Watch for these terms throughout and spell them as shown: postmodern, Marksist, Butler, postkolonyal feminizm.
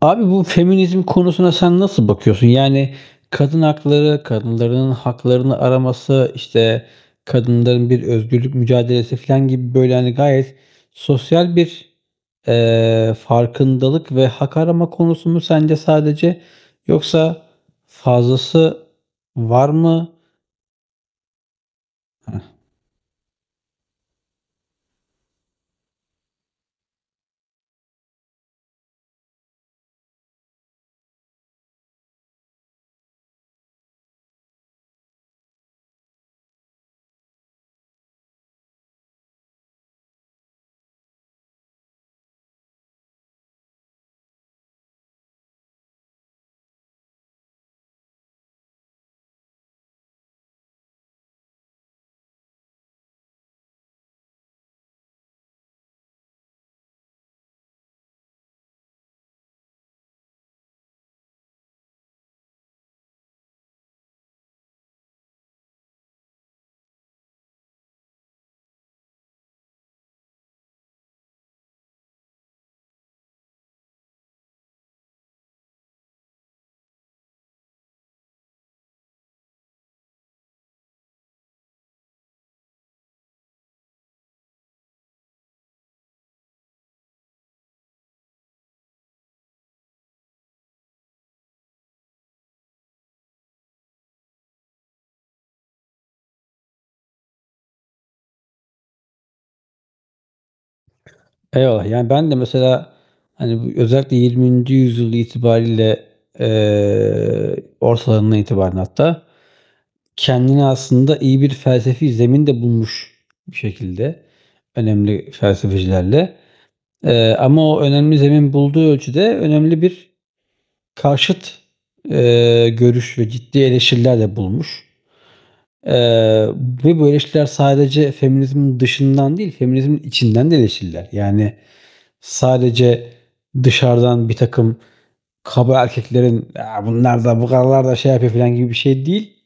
Abi bu feminizm konusuna sen nasıl bakıyorsun? Yani kadın hakları, kadınların haklarını araması, işte kadınların bir özgürlük mücadelesi falan gibi böyle hani gayet sosyal bir farkındalık ve hak arama konusu mu sence sadece? Yoksa fazlası var mı? Heh. Eyvallah. Yani ben de mesela hani bu özellikle 20. yüzyıl itibariyle ortalarından itibaren hatta kendine aslında iyi bir felsefi zemin de bulmuş bir şekilde önemli felsefecilerle. Ama o önemli zemin bulduğu ölçüde önemli bir karşıt, görüş ve ciddi eleştiriler de bulmuş. Eee, Ve bu eleştiriler sadece feminizmin dışından değil, feminizmin içinden de eleştiriler. Yani sadece dışarıdan bir takım kaba erkeklerin "bunlar da bu kadar da şey yapıyor." falan gibi bir şey değil.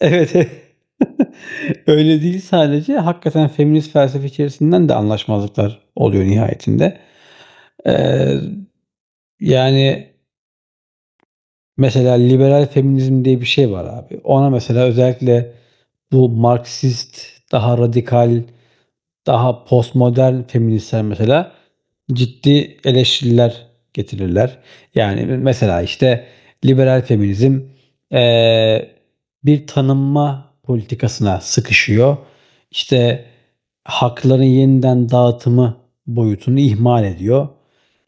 Evet. Öyle değil sadece. Hakikaten feminist felsefe içerisinden de anlaşmazlıklar oluyor nihayetinde. Eee, Yani mesela liberal feminizm diye bir şey var abi. Ona mesela özellikle bu Marksist, daha radikal daha postmodern feministler mesela ciddi eleştiriler getirirler. Yani mesela işte liberal feminizm eee, bir tanınma politikasına sıkışıyor. İşte hakların yeniden dağıtımı boyutunu ihmal ediyor.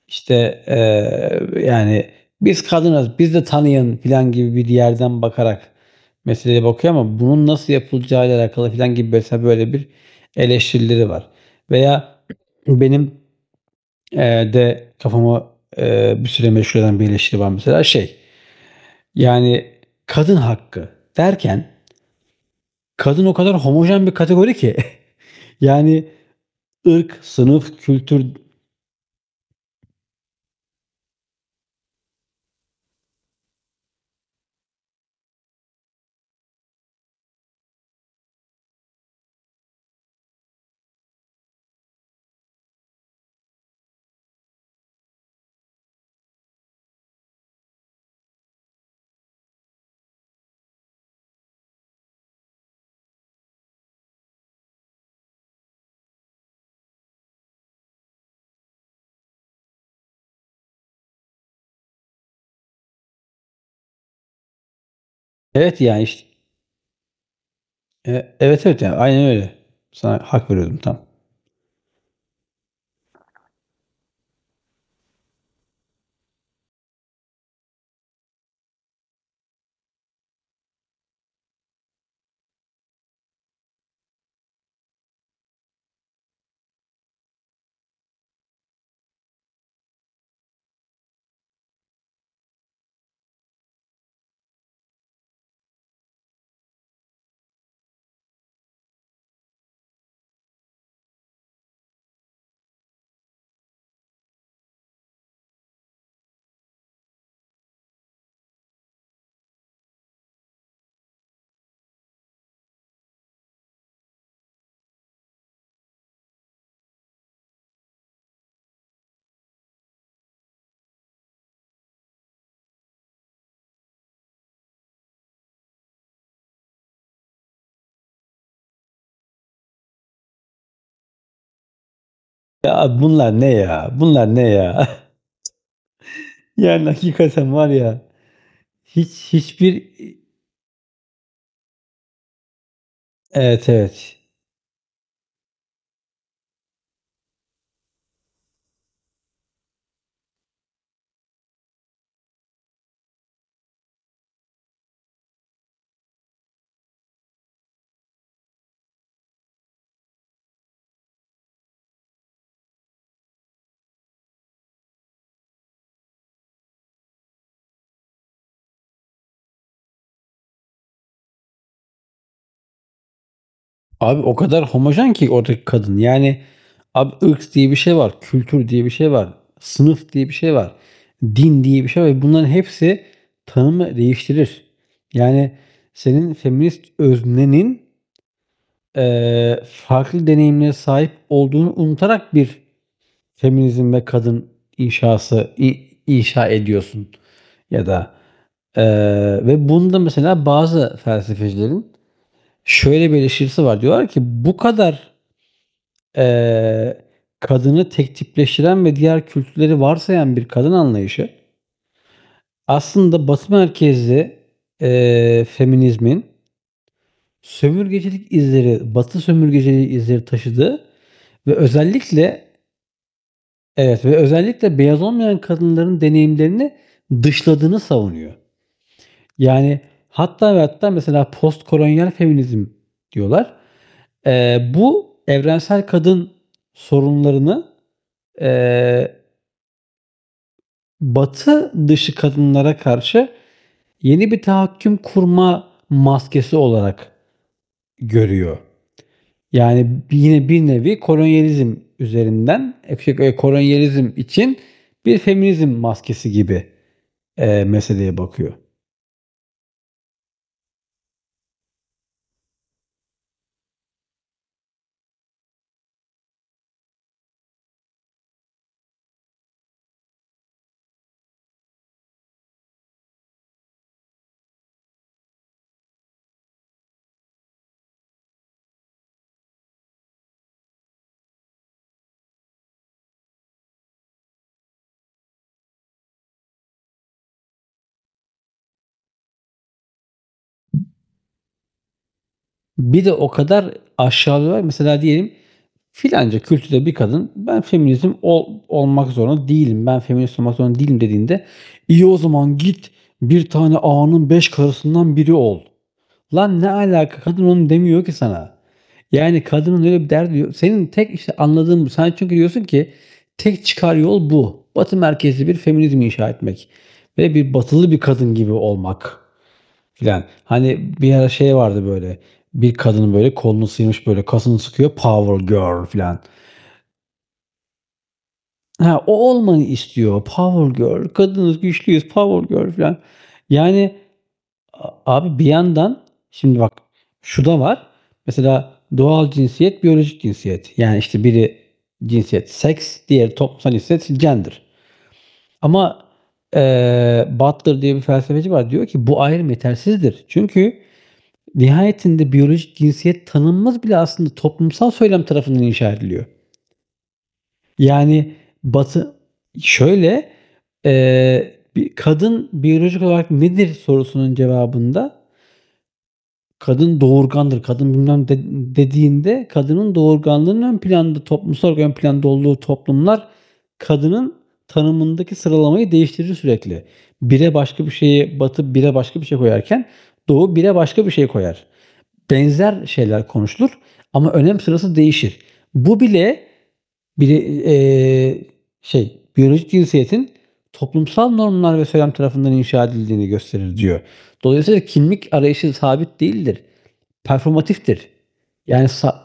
İşte, yani biz kadınız, biz de tanıyın filan gibi bir yerden bakarak meseleye bakıyor ama bunun nasıl yapılacağıyla alakalı filan gibi mesela böyle bir eleştirileri var. Veya benim, de kafama, bir süre meşgul eden bir eleştiri var mesela şey, yani kadın hakkı derken kadın o kadar homojen bir kategori ki yani ırk, sınıf, kültür, evet, yani, iş evet, evet, yani aynen öyle. Sana hak veriyordum tam. Ya bunlar ne ya? Bunlar ne ya? Yani hakikaten var ya hiçbir, evet, evet. Abi o kadar homojen ki oradaki kadın. Yani abi ırk diye bir şey var, kültür diye bir şey var, sınıf diye bir şey var, din diye bir şey var ve bunların hepsi tanımı değiştirir. Yani senin feminist öznenin farklı deneyimlere sahip olduğunu unutarak bir feminizm ve kadın inşa ediyorsun ya da ve bunda mesela bazı felsefecilerin şöyle bir eleştirisi var. Diyorlar ki bu kadar Eee, kadını tek tipleştiren ve diğer kültürleri varsayan bir kadın anlayışı aslında Batı merkezli, feminizmin sömürgecilik izleri, Batı sömürgeciliği izleri taşıdığı ve özellikle evet ve özellikle beyaz olmayan kadınların deneyimlerini dışladığını savunuyor. Yani hatta ve hatta mesela postkolonyal feminizm diyorlar. Bu evrensel kadın sorunlarını, eee Batı dışı kadınlara karşı yeni bir tahakküm kurma maskesi olarak görüyor. Yani yine bir nevi kolonyalizm üzerinden, e, kolonyalizm için bir feminizm maskesi gibi, meseleye bakıyor. Bir de o kadar aşağılıyorlar. Mesela diyelim filanca kültürde bir kadın "ben feminizm ol olmak zorunda değilim, ben feminist olmak zorunda değilim" dediğinde, "iyi o zaman git bir tane ağanın 5 karısından biri ol." Lan ne alaka? Kadın onu demiyor ki sana. Yani kadının öyle bir derdi yok. Senin tek işte anladığın bu. Sen çünkü diyorsun ki tek çıkar yol bu. Batı merkezli bir feminizm inşa etmek ve bir batılı bir kadın gibi olmak filan. Hani bir ara şey vardı böyle, bir kadının böyle kolunu sıyırmış, böyle kasını sıkıyor, "Power girl" filan. Ha, o olmayı istiyor. "Power girl, kadınız, güçlüyüz, power girl" filan. Yani abi bir yandan şimdi bak şu da var. Mesela doğal cinsiyet, biyolojik cinsiyet. Yani, işte, biri cinsiyet seks, diğeri toplumsal cinsiyet gender. Ama, Butler diye bir felsefeci var. Diyor ki bu ayrım yetersizdir. Çünkü nihayetinde biyolojik cinsiyet tanınmaz bile, aslında toplumsal söylem tarafından inşa ediliyor. Yani Batı şöyle, bir kadın biyolojik olarak nedir sorusunun cevabında kadın doğurgandır, kadın bilmem de dediğinde kadının doğurganlığının ön planda, toplumsal olarak ön planda olduğu toplumlar kadının tanımındaki sıralamayı değiştirir sürekli. Bire başka bir şeyi Batı, bire başka bir şey koyarken Doğu bire başka bir şey koyar, benzer şeyler konuşulur ama önem sırası değişir. Bu bile bir şey, biyolojik cinsiyetin toplumsal normlar ve söylem tarafından inşa edildiğini gösterir diyor. Dolayısıyla kimlik arayışı sabit değildir. Performatiftir. Yani sa-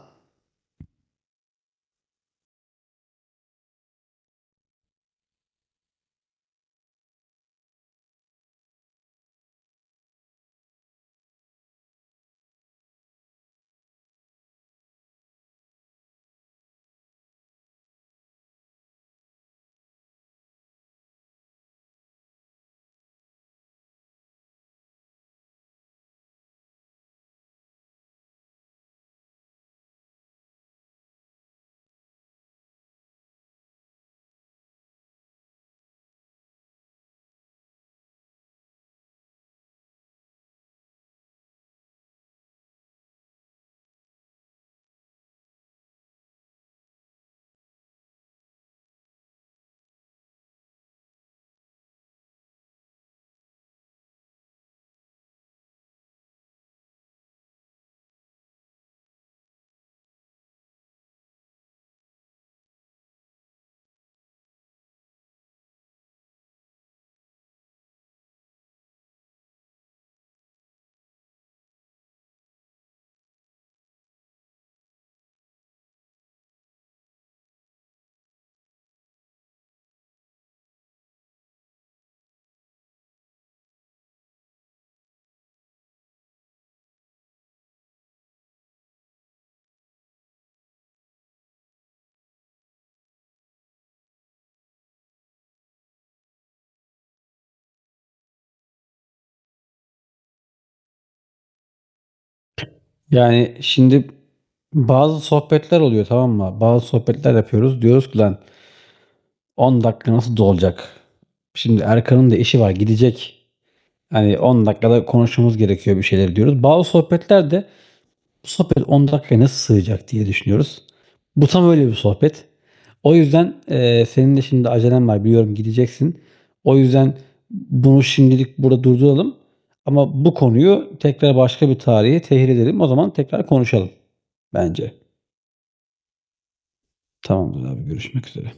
Yani şimdi bazı sohbetler oluyor, tamam mı? Bazı sohbetler yapıyoruz. Diyoruz ki lan 10 dakika nasıl dolacak? Şimdi Erkan'ın da işi var, gidecek. Hani 10 dakikada konuşmamız gerekiyor bir şeyler diyoruz. Bazı sohbetlerde bu sohbet 10 dakikaya nasıl sığacak diye düşünüyoruz. Bu tam öyle bir sohbet. O yüzden senin de şimdi acelen var, biliyorum, gideceksin. O yüzden bunu şimdilik burada durduralım. Ama bu konuyu tekrar başka bir tarihe tehir edelim. O zaman tekrar konuşalım bence. Tamamdır abi, görüşmek üzere.